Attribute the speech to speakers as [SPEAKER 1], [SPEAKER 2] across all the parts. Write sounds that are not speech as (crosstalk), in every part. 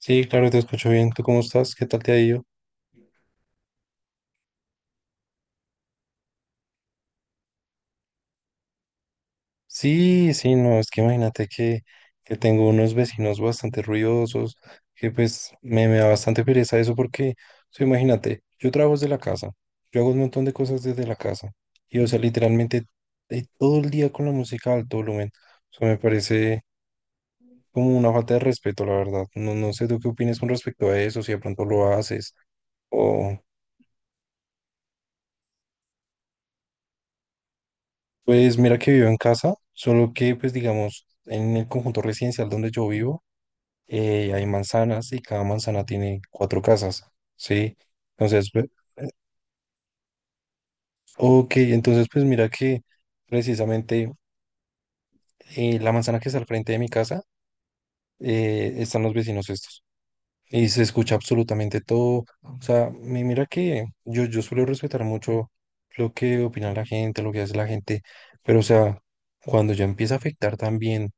[SPEAKER 1] Sí, claro, te escucho bien. ¿Tú cómo estás? ¿Qué tal te ha ido? Sí, sí, no, es que imagínate que tengo unos vecinos bastante ruidosos, que pues me da bastante pereza eso porque, o sea, imagínate, yo trabajo desde la casa, yo hago un montón de cosas desde la casa, y o sea, literalmente todo el día con la música a alto volumen, o sea, me parece como una falta de respeto, la verdad. No, no sé tú qué opinas con respecto a eso, si de pronto lo haces, o. Pues mira que vivo en casa, solo que pues digamos en el conjunto residencial donde yo vivo hay manzanas y cada manzana tiene cuatro casas, ¿sí? Entonces, pues, ok, entonces pues mira que precisamente la manzana que está al frente de mi casa están los vecinos estos y se escucha absolutamente todo, o sea, mira que yo suelo respetar mucho lo que opina la gente, lo que hace la gente, pero o sea, cuando ya empieza a afectar también.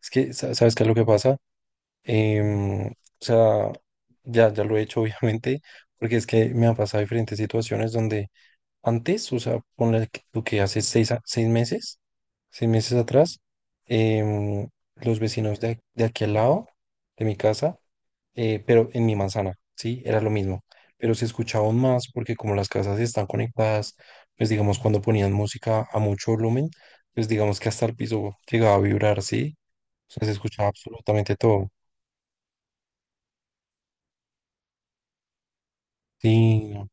[SPEAKER 1] Es que, ¿sabes qué es lo que pasa? O sea, ya lo he hecho, (laughs) obviamente, porque es que me han pasado diferentes situaciones donde antes, o sea, ponle tú que hace seis meses atrás, em, los vecinos de aquí al lado de mi casa, pero en mi manzana, sí, era lo mismo, pero se escuchaba aún más porque como las casas están conectadas, pues digamos, cuando ponían música a mucho volumen, pues digamos que hasta el piso llegaba a vibrar, sí, o sea, se escuchaba absolutamente todo. Sí, no.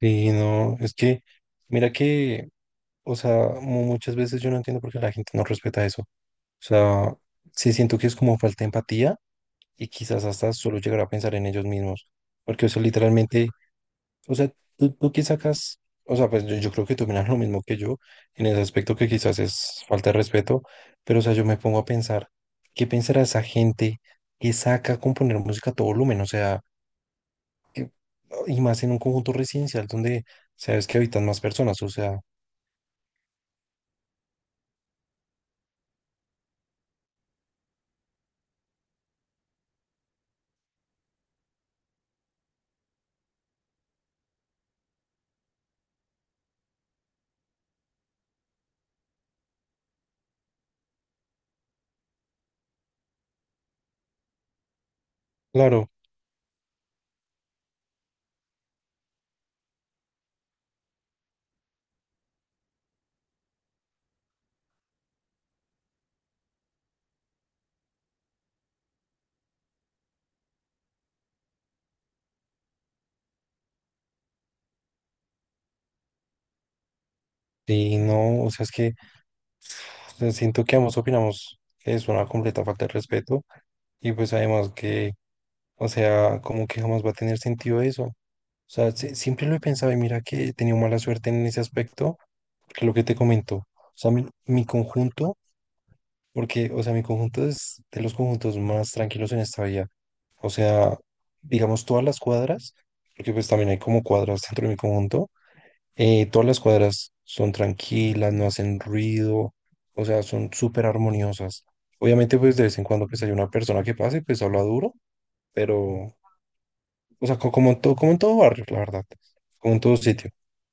[SPEAKER 1] Y no, es que, mira que, o sea, muchas veces yo no entiendo por qué la gente no respeta eso. O sea, sí siento que es como falta de empatía y quizás hasta solo llegar a pensar en ellos mismos. Porque, o sea, literalmente, o sea, tú qué sacas, o sea, pues yo creo que tú miras lo mismo que yo en ese aspecto que quizás es falta de respeto, pero, o sea, yo me pongo a pensar, ¿qué pensará esa gente que saca componer música a todo volumen? O sea, y más en un conjunto residencial donde sabes que habitan más personas, o sea. Claro, y no, o sea, es que o sea, siento que ambos opinamos que es una completa falta de respeto y pues además que, o sea, como que jamás va a tener sentido eso. O sea, siempre lo he pensado y mira que he tenido mala suerte en ese aspecto, porque lo que te comento, o sea, mi conjunto, porque, o sea, mi conjunto es de los conjuntos más tranquilos en esta vida. O sea, digamos todas las cuadras, porque pues también hay como cuadras dentro de mi conjunto. Todas las cuadras son tranquilas, no hacen ruido, o sea, son súper armoniosas. Obviamente, pues de vez en cuando pues hay una persona que pase, pues habla duro, pero, o sea, como en todo barrio, la verdad, como en todo sitio. (laughs)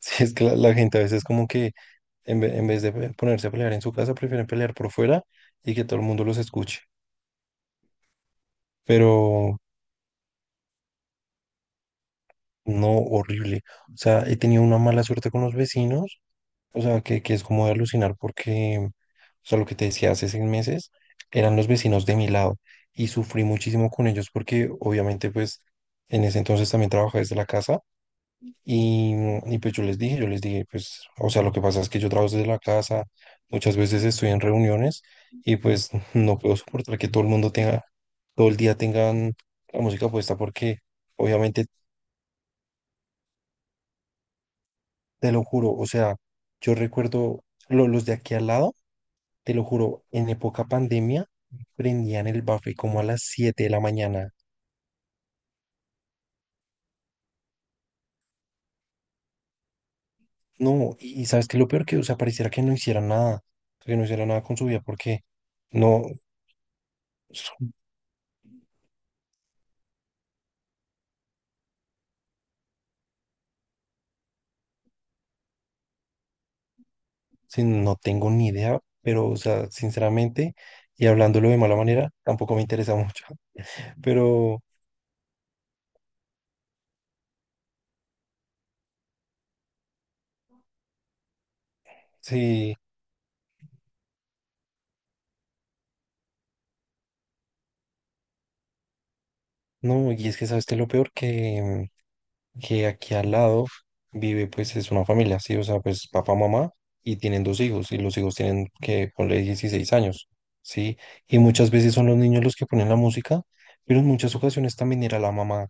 [SPEAKER 1] Si es que la gente a veces como que en vez de ponerse a pelear en su casa, prefieren pelear por fuera y que todo el mundo los escuche. Pero no, horrible. O sea, he tenido una mala suerte con los vecinos. O sea, que es como de alucinar porque, o sea, lo que te decía hace 6 meses, eran los vecinos de mi lado y sufrí muchísimo con ellos porque obviamente pues en ese entonces también trabajaba desde la casa y, y pues yo les dije, pues, o sea, lo que pasa es que yo trabajo desde la casa, muchas veces estoy en reuniones y pues (laughs) no puedo soportar que todo el mundo tenga, todo el día tengan la música puesta porque obviamente, te lo juro, o sea, yo recuerdo los de aquí al lado. Te lo juro, en época pandemia prendían el buffet como a las 7 de la mañana. No, y sabes que lo peor que, o sea, pareciera que no hicieran nada, que no hicieran nada con su vida, porque no, s- sí, no tengo ni idea, pero, o sea, sinceramente, y hablándolo de mala manera, tampoco me interesa mucho. (laughs) Pero sí, no, y es que sabes que lo peor que aquí al lado vive, pues es una familia, sí, o sea, pues papá, mamá, y tienen dos hijos, y los hijos tienen que ponle 16 años, sí, y muchas veces son los niños los que ponen la música, pero en muchas ocasiones también era la mamá.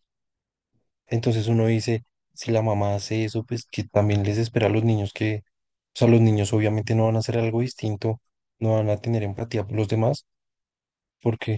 [SPEAKER 1] Entonces uno dice, si la mamá hace eso, pues que también les espera a los niños que, o sea, los niños obviamente no van a hacer algo distinto, no van a tener empatía por los demás, porque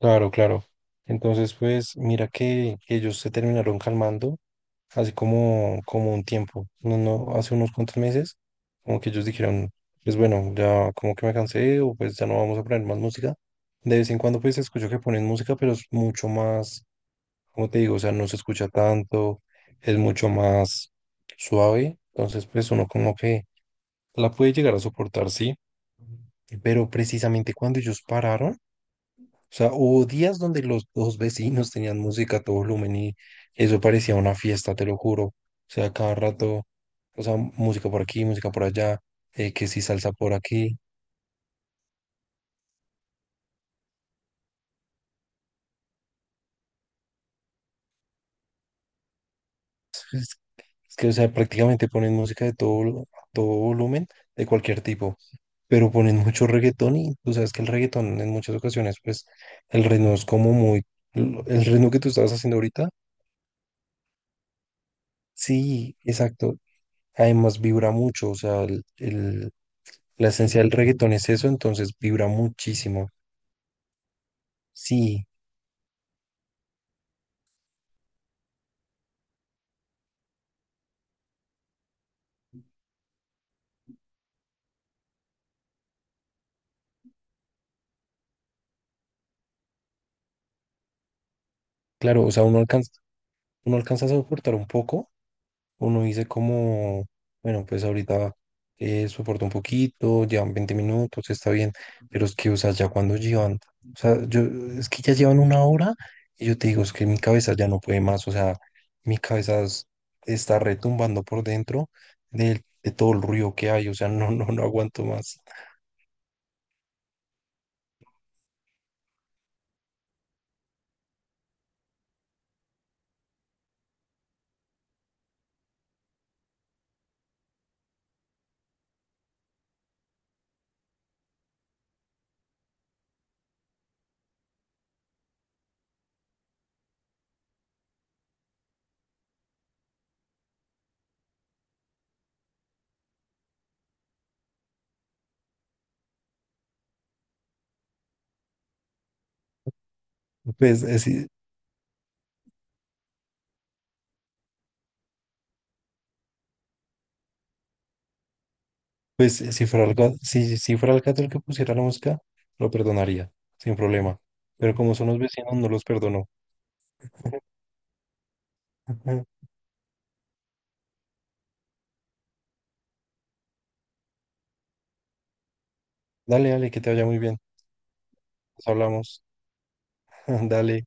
[SPEAKER 1] claro, claro. Entonces, pues mira que ellos se terminaron calmando hace como un tiempo, no, no, hace unos cuantos meses, como que ellos dijeron, pues bueno, ya como que me cansé o pues ya no vamos a poner más música. De vez en cuando pues escucho que ponen música, pero es mucho más, como te digo, o sea, no se escucha tanto, es mucho más suave, entonces pues uno como que la puede llegar a soportar, sí, pero precisamente cuando ellos pararon, o sea, hubo días donde los dos vecinos tenían música a todo volumen y eso parecía una fiesta, te lo juro. O sea, cada rato, o sea, música por aquí, música por allá, que si salsa por aquí. Es, es que, o sea, prácticamente ponen música de todo, a todo volumen, de cualquier tipo. Pero ponen mucho reggaetón y tú sabes que el reggaetón en muchas ocasiones, pues, el ritmo es como muy. El ritmo que tú estabas haciendo ahorita, sí, exacto. Además vibra mucho, o sea, el, la esencia del reggaetón es eso, entonces vibra muchísimo. Sí, claro, o sea, uno alcanza a soportar un poco, uno dice como, bueno, pues ahorita soporto un poquito, llevan 20 minutos, está bien, pero es que, o sea, ya cuando llevan, o sea, yo, es que ya llevan una hora y yo te digo, es que mi cabeza ya no puede más, o sea, mi cabeza está retumbando por dentro de todo el ruido que hay, o sea, (laughs) no, no, no aguanto más. Pues es, Pues, si fuera el gato, si fuera el gato el que pusiera la música, lo perdonaría, sin problema. Pero como son los vecinos, no los perdono. (laughs) Dale, dale, que te vaya muy bien. Nos hablamos. (laughs) Dale.